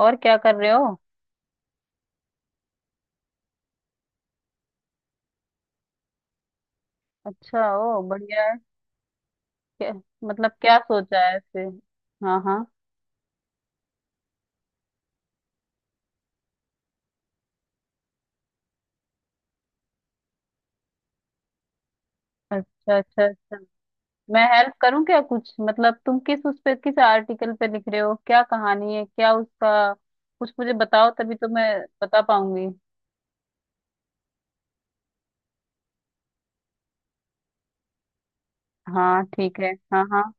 और क्या कर रहे हो? अच्छा। ओ, बढ़िया है। क्या? मतलब क्या सोचा है ऐसे? हाँ, हाँ। अच्छा, अच्छा, अच्छा। मैं हेल्प करूं क्या? कुछ मतलब तुम किस उस पे किस आर्टिकल पे लिख रहे हो, क्या कहानी है, क्या उसका कुछ मुझे बताओ तभी तो मैं बता पाऊंगी। हाँ, ठीक है। हाँ, हाँ।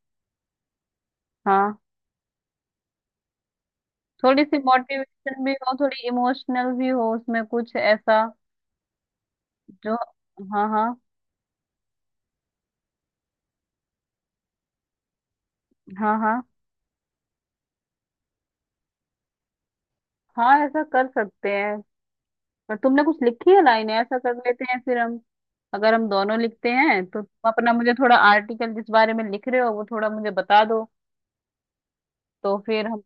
हाँ, थोड़ी सी मोटिवेशन भी हो, थोड़ी इमोशनल भी हो उसमें, कुछ ऐसा जो। हाँ, हाँ। हाँ, हाँ, हाँ, ऐसा कर सकते हैं। पर तुमने कुछ लिखी है लाइन? ऐसा कर लेते हैं फिर हम। अगर हम दोनों लिखते हैं तो तुम अपना मुझे थोड़ा आर्टिकल जिस बारे में लिख रहे हो वो थोड़ा मुझे बता दो। तो फिर हम।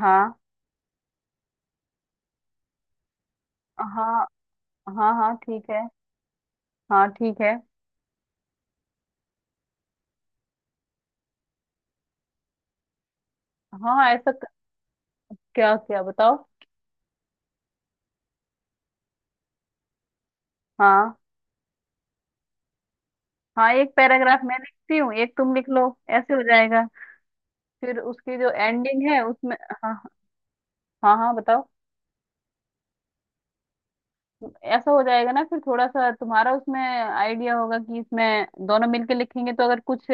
हाँ, हाँ, हाँ। हाँ, ठीक है। हाँ, ठीक है। हाँ, हाँ, ऐसा क्या क्या बताओ। हाँ, हाँ, एक पैराग्राफ मैं लिखती हूँ, एक तुम लिख लो। ऐसे हो जाएगा। फिर उसकी जो एंडिंग है उसमें। हाँ। हाँ, हाँ, बताओ। ऐसा हो जाएगा ना, फिर थोड़ा सा तुम्हारा उसमें आइडिया होगा कि इसमें दोनों मिलके लिखेंगे, तो अगर कुछ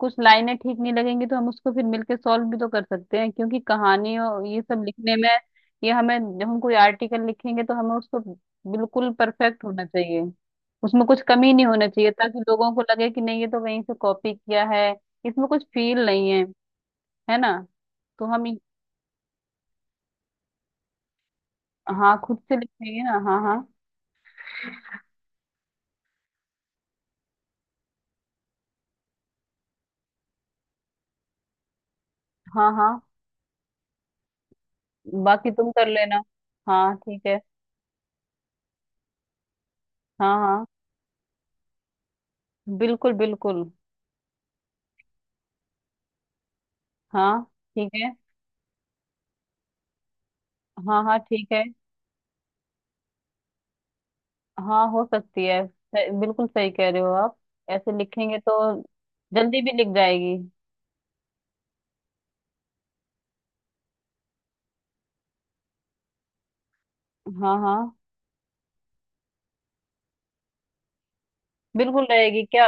कुछ लाइनें ठीक नहीं लगेंगी तो हम उसको फिर मिलके सॉल्व भी तो कर सकते हैं, क्योंकि कहानी और ये सब लिखने में, ये हमें जब हम कोई आर्टिकल लिखेंगे तो हमें उसको बिल्कुल परफेक्ट होना चाहिए। उसमें कुछ कमी नहीं होना चाहिए, ताकि लोगों को लगे कि नहीं ये तो कहीं से कॉपी किया है, इसमें कुछ फील नहीं है, है ना। तो हम, हाँ खुद से लिखेंगे ना, हाँ, हाँ, हाँ, हाँ, बाकी तुम कर लेना। हाँ, ठीक है। हाँ, हाँ, बिल्कुल, बिल्कुल। हाँ, ठीक है। हाँ, हाँ, ठीक है। हाँ, हो सकती है बिल्कुल सही कह रहे हो आप। ऐसे लिखेंगे तो जल्दी भी लिख जाएगी। हाँ, हाँ, बिल्कुल रहेगी क्या।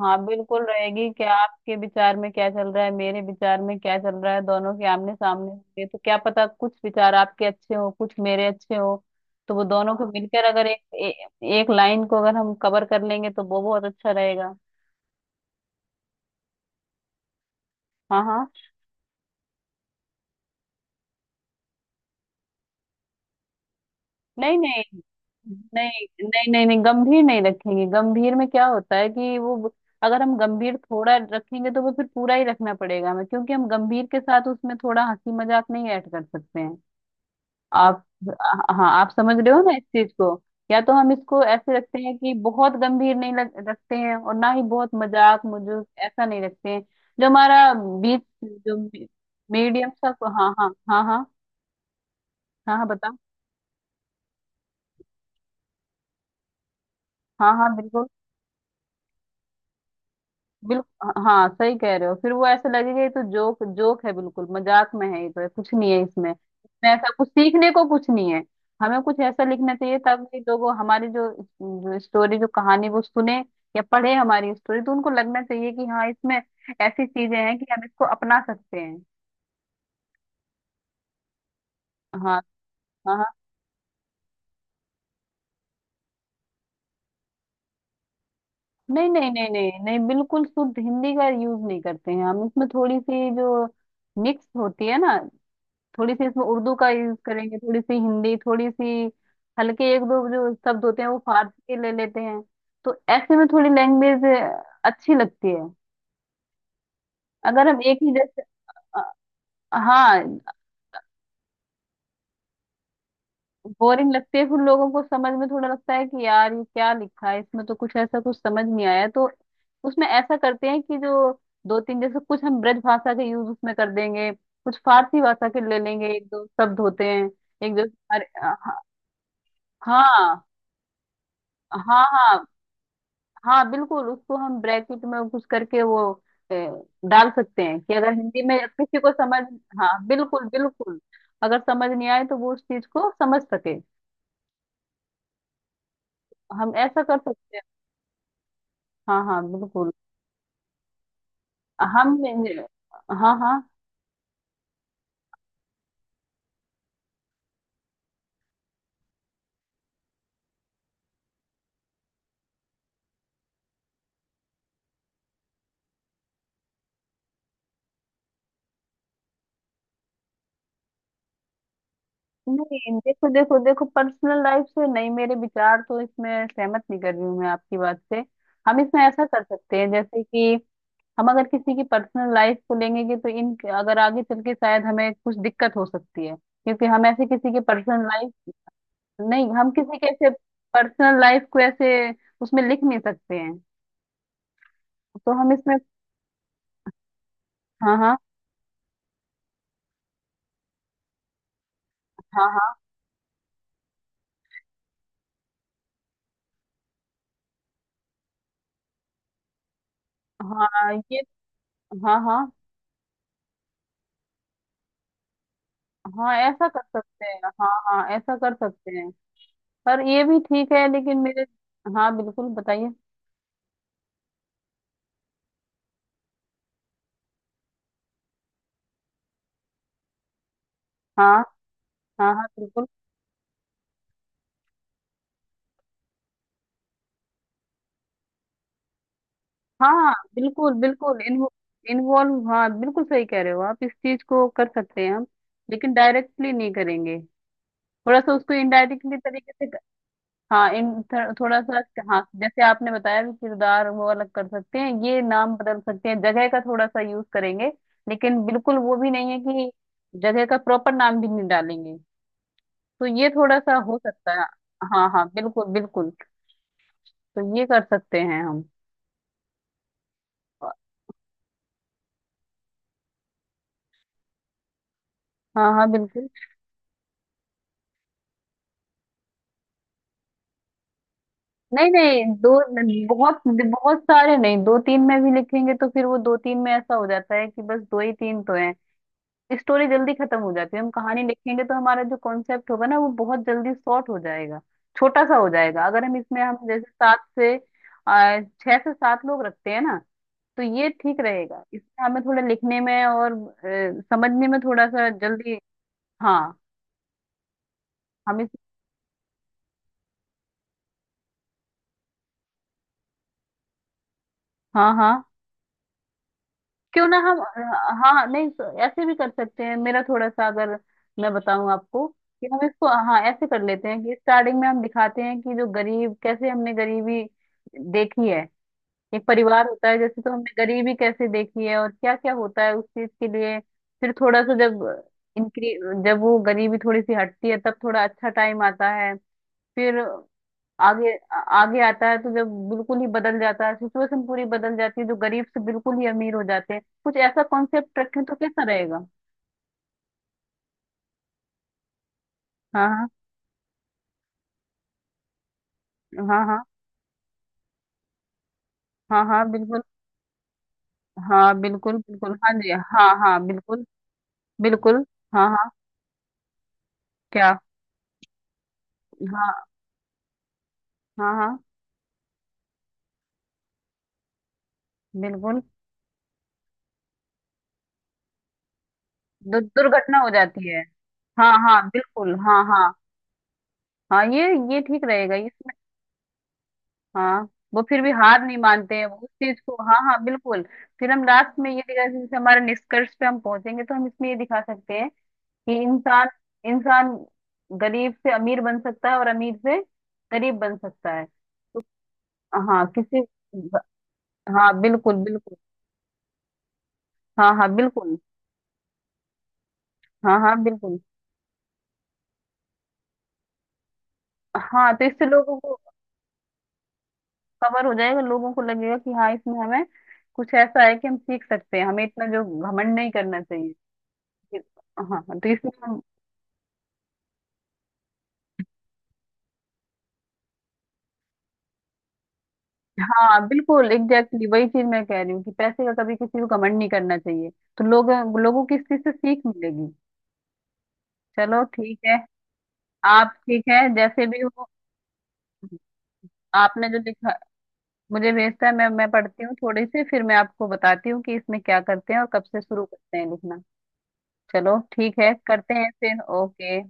हाँ, बिल्कुल रहेगी क्या आपके विचार में क्या चल रहा है, मेरे विचार में क्या चल रहा है, दोनों के आमने सामने होंगे तो क्या पता कुछ विचार आपके अच्छे हो कुछ मेरे अच्छे हो। तो वो दोनों को मिलकर अगर एक एक लाइन को अगर हम कवर कर लेंगे तो वो बहुत अच्छा रहेगा। हाँ, हाँ। नहीं, नहीं, नहीं, नहीं, नहीं, नहीं गंभीर नहीं रखेंगे। गंभीर में क्या होता है कि वो, अगर हम गंभीर थोड़ा रखेंगे तो वो फिर पूरा ही रखना पड़ेगा हमें, क्योंकि हम गंभीर के साथ उसमें थोड़ा हंसी मजाक नहीं ऐड कर सकते हैं। आप, हाँ आप समझ रहे हो ना इस चीज को? या तो हम इसको ऐसे रखते हैं कि बहुत गंभीर नहीं रखते हैं और ना ही बहुत मजाक मजूक ऐसा नहीं रखते हैं। जो हमारा बीच जो मीडियम सा। हाँ, हाँ, हाँ, हाँ। हाँ, हाँ, बताओ। हाँ, हाँ, बिल्कुल, बिल्कुल, हाँ सही कह रहे हो। फिर वो ऐसे लगेगा ये तो जोक जोक है, बिल्कुल मजाक में है, ये तो कुछ नहीं है इसमें, इसमें ऐसा कुछ सीखने को कुछ नहीं है। हमें कुछ ऐसा लिखना चाहिए ताकि लोग हमारी जो, जो स्टोरी जो कहानी वो सुने या पढ़े हमारी स्टोरी, तो उनको लगना चाहिए कि हाँ इसमें ऐसी चीजें हैं कि हम इसको अपना सकते हैं। हाँ। हाँ, हाँ। नहीं, नहीं, नहीं, नहीं, नहीं, बिल्कुल शुद्ध हिंदी का यूज नहीं करते हैं हम। इसमें थोड़ी सी जो मिक्स होती है ना, थोड़ी सी इसमें उर्दू का यूज करेंगे, थोड़ी सी हिंदी, थोड़ी सी हल्के एक दो जो शब्द होते हैं वो फारसी के ले लेते हैं। तो ऐसे में थोड़ी लैंग्वेज अच्छी लगती है। अगर हम एक ही जैसे अ, हाँ। बोरिंग लगती है, फिर लोगों को समझ में थोड़ा लगता है कि यार ये क्या लिखा है इसमें, तो कुछ ऐसा कुछ समझ नहीं आया। तो उसमें ऐसा करते हैं कि जो दो तीन जैसे कुछ हम ब्रज भाषा के यूज उसमें कर देंगे, कुछ फारसी भाषा के ले लेंगे, एक दो शब्द होते हैं। एक दो, अरे हाँ, हाँ, हाँ, हाँ, हाँ, बिल्कुल उसको हम ब्रैकेट में घुस करके वो अ, डाल सकते हैं कि अगर हिंदी में किसी को समझ, हाँ बिल्कुल, बिल्कुल, अगर समझ नहीं आए तो वो उस चीज को समझ सके। हम ऐसा कर सकते हैं। हाँ, हाँ, बिल्कुल। हम, हाँ, हाँ, नहीं देखो, देखो, देखो, पर्सनल लाइफ से नहीं, मेरे विचार तो इसमें सहमत नहीं कर रही हूँ मैं आपकी बात से। हम इसमें ऐसा कर सकते हैं जैसे कि हम अगर किसी की पर्सनल लाइफ को लेंगे कि तो इन अगर आगे चल के शायद हमें कुछ दिक्कत हो सकती है क्योंकि हम ऐसे किसी के पर्सनल लाइफ, नहीं हम किसी के ऐसे पर्सनल लाइफ को ऐसे उसमें लिख नहीं सकते हैं। तो हम इसमें, हाँ, हाँ, हाँ, हाँ, हाँ ये, हाँ, हाँ, हाँ, ऐसा कर सकते हैं, हाँ, हाँ, ऐसा कर सकते हैं। पर ये भी ठीक है लेकिन मेरे, हाँ बिल्कुल बताइए। हाँ, हाँ, हाँ, बिल्कुल। हाँ, बिल्कुल, बिल्कुल इन्वॉल्व, हाँ बिल्कुल सही कह रहे हो आप। इस चीज को कर सकते हैं हम, लेकिन डायरेक्टली नहीं करेंगे, थोड़ा सा उसको इनडायरेक्टली तरीके से। हाँ थोड़ा सा। हाँ, जैसे आपने बताया कि किरदार वो अलग कर सकते हैं, ये नाम बदल सकते हैं, जगह का थोड़ा सा यूज करेंगे, लेकिन बिल्कुल वो भी नहीं है कि जगह का प्रॉपर नाम भी नहीं डालेंगे, तो ये थोड़ा सा हो सकता है। हाँ, हाँ, बिल्कुल, बिल्कुल, तो ये कर सकते हैं हम। हाँ, हाँ, बिल्कुल। नहीं, नहीं, दो बहुत बहुत सारे नहीं, दो तीन में भी लिखेंगे तो फिर वो दो तीन में ऐसा हो जाता है कि बस दो ही तीन तो हैं, स्टोरी जल्दी खत्म हो जाती है। हम कहानी लिखेंगे तो हमारा जो कॉन्सेप्ट होगा ना वो बहुत जल्दी शॉर्ट हो जाएगा, छोटा सा हो जाएगा। अगर हम इसमें हम जैसे छह से सात लोग रखते हैं ना, तो ये ठीक रहेगा, इसमें हमें थोड़ा लिखने में और समझने में थोड़ा सा जल्दी। हाँ, हम इस, हाँ, हाँ, क्यों ना हम, हाँ, हाँ, नहीं तो ऐसे भी कर सकते हैं। मेरा थोड़ा सा अगर मैं बताऊं आपको कि हम इसको, हाँ ऐसे कर लेते हैं कि स्टार्टिंग में हम दिखाते हैं कि जो गरीब कैसे हमने गरीबी देखी है, एक परिवार होता है जैसे, तो हमने गरीबी कैसे देखी है और क्या क्या होता है उस चीज के लिए। फिर थोड़ा सा जब इंक्री जब वो गरीबी थोड़ी सी हटती है तब थोड़ा अच्छा टाइम आता है। फिर आगे आता है, तो जब बिल्कुल ही बदल जाता है, सिचुएशन पूरी बदल जाती है, जो गरीब से बिल्कुल ही अमीर हो जाते हैं, कुछ ऐसा कॉन्सेप्ट रखें तो कैसा रहेगा? हाँ, हाँ, हाँ, हाँ, हाँ, हाँ, बिल्कुल, हाँ बिल्कुल, बिल्कुल, हाँ जी, हाँ, हाँ, बिल्कुल, बिल्कुल। हाँ, हाँ, क्या? हाँ, हाँ, हाँ, बिल्कुल दुर्घटना हो जाती है। हाँ, हाँ, बिल्कुल, हाँ, हाँ, हाँ ये ठीक रहेगा ये। हाँ वो फिर भी हार नहीं मानते हैं वो उस चीज को, हाँ, हाँ, बिल्कुल। फिर हम लास्ट में ये दिखा, जैसे हमारे निष्कर्ष पे हम पहुंचेंगे, तो हम इसमें ये दिखा सकते हैं कि इंसान, इंसान गरीब से अमीर बन सकता है और अमीर से गरीब बन सकता है। हाँ किसी, हाँ बिल्कुल, बिल्कुल, हाँ, हाँ, बिल्कुल, हाँ, हाँ, बिल्कुल। हाँ तो इससे लोगों को कवर हो जाएगा, लोगों को लगेगा कि हाँ इसमें हमें कुछ ऐसा है कि हम सीख सकते हैं, हमें इतना जो घमंड नहीं करना चाहिए। हाँ तो इसमें हम, हाँ बिल्कुल एग्जैक्टली वही चीज मैं कह रही हूँ कि पैसे का कभी किसी को कमेंट नहीं करना चाहिए। तो लोग लोगों की इस चीज से सीख मिलेगी। चलो ठीक है। आप ठीक है जैसे भी हो। आपने जो लिखा मुझे भेजता है, मैं पढ़ती हूँ थोड़ी सी, फिर मैं आपको बताती हूँ कि इसमें क्या करते हैं और कब से शुरू करते हैं लिखना। चलो ठीक है, करते हैं फिर, ओके।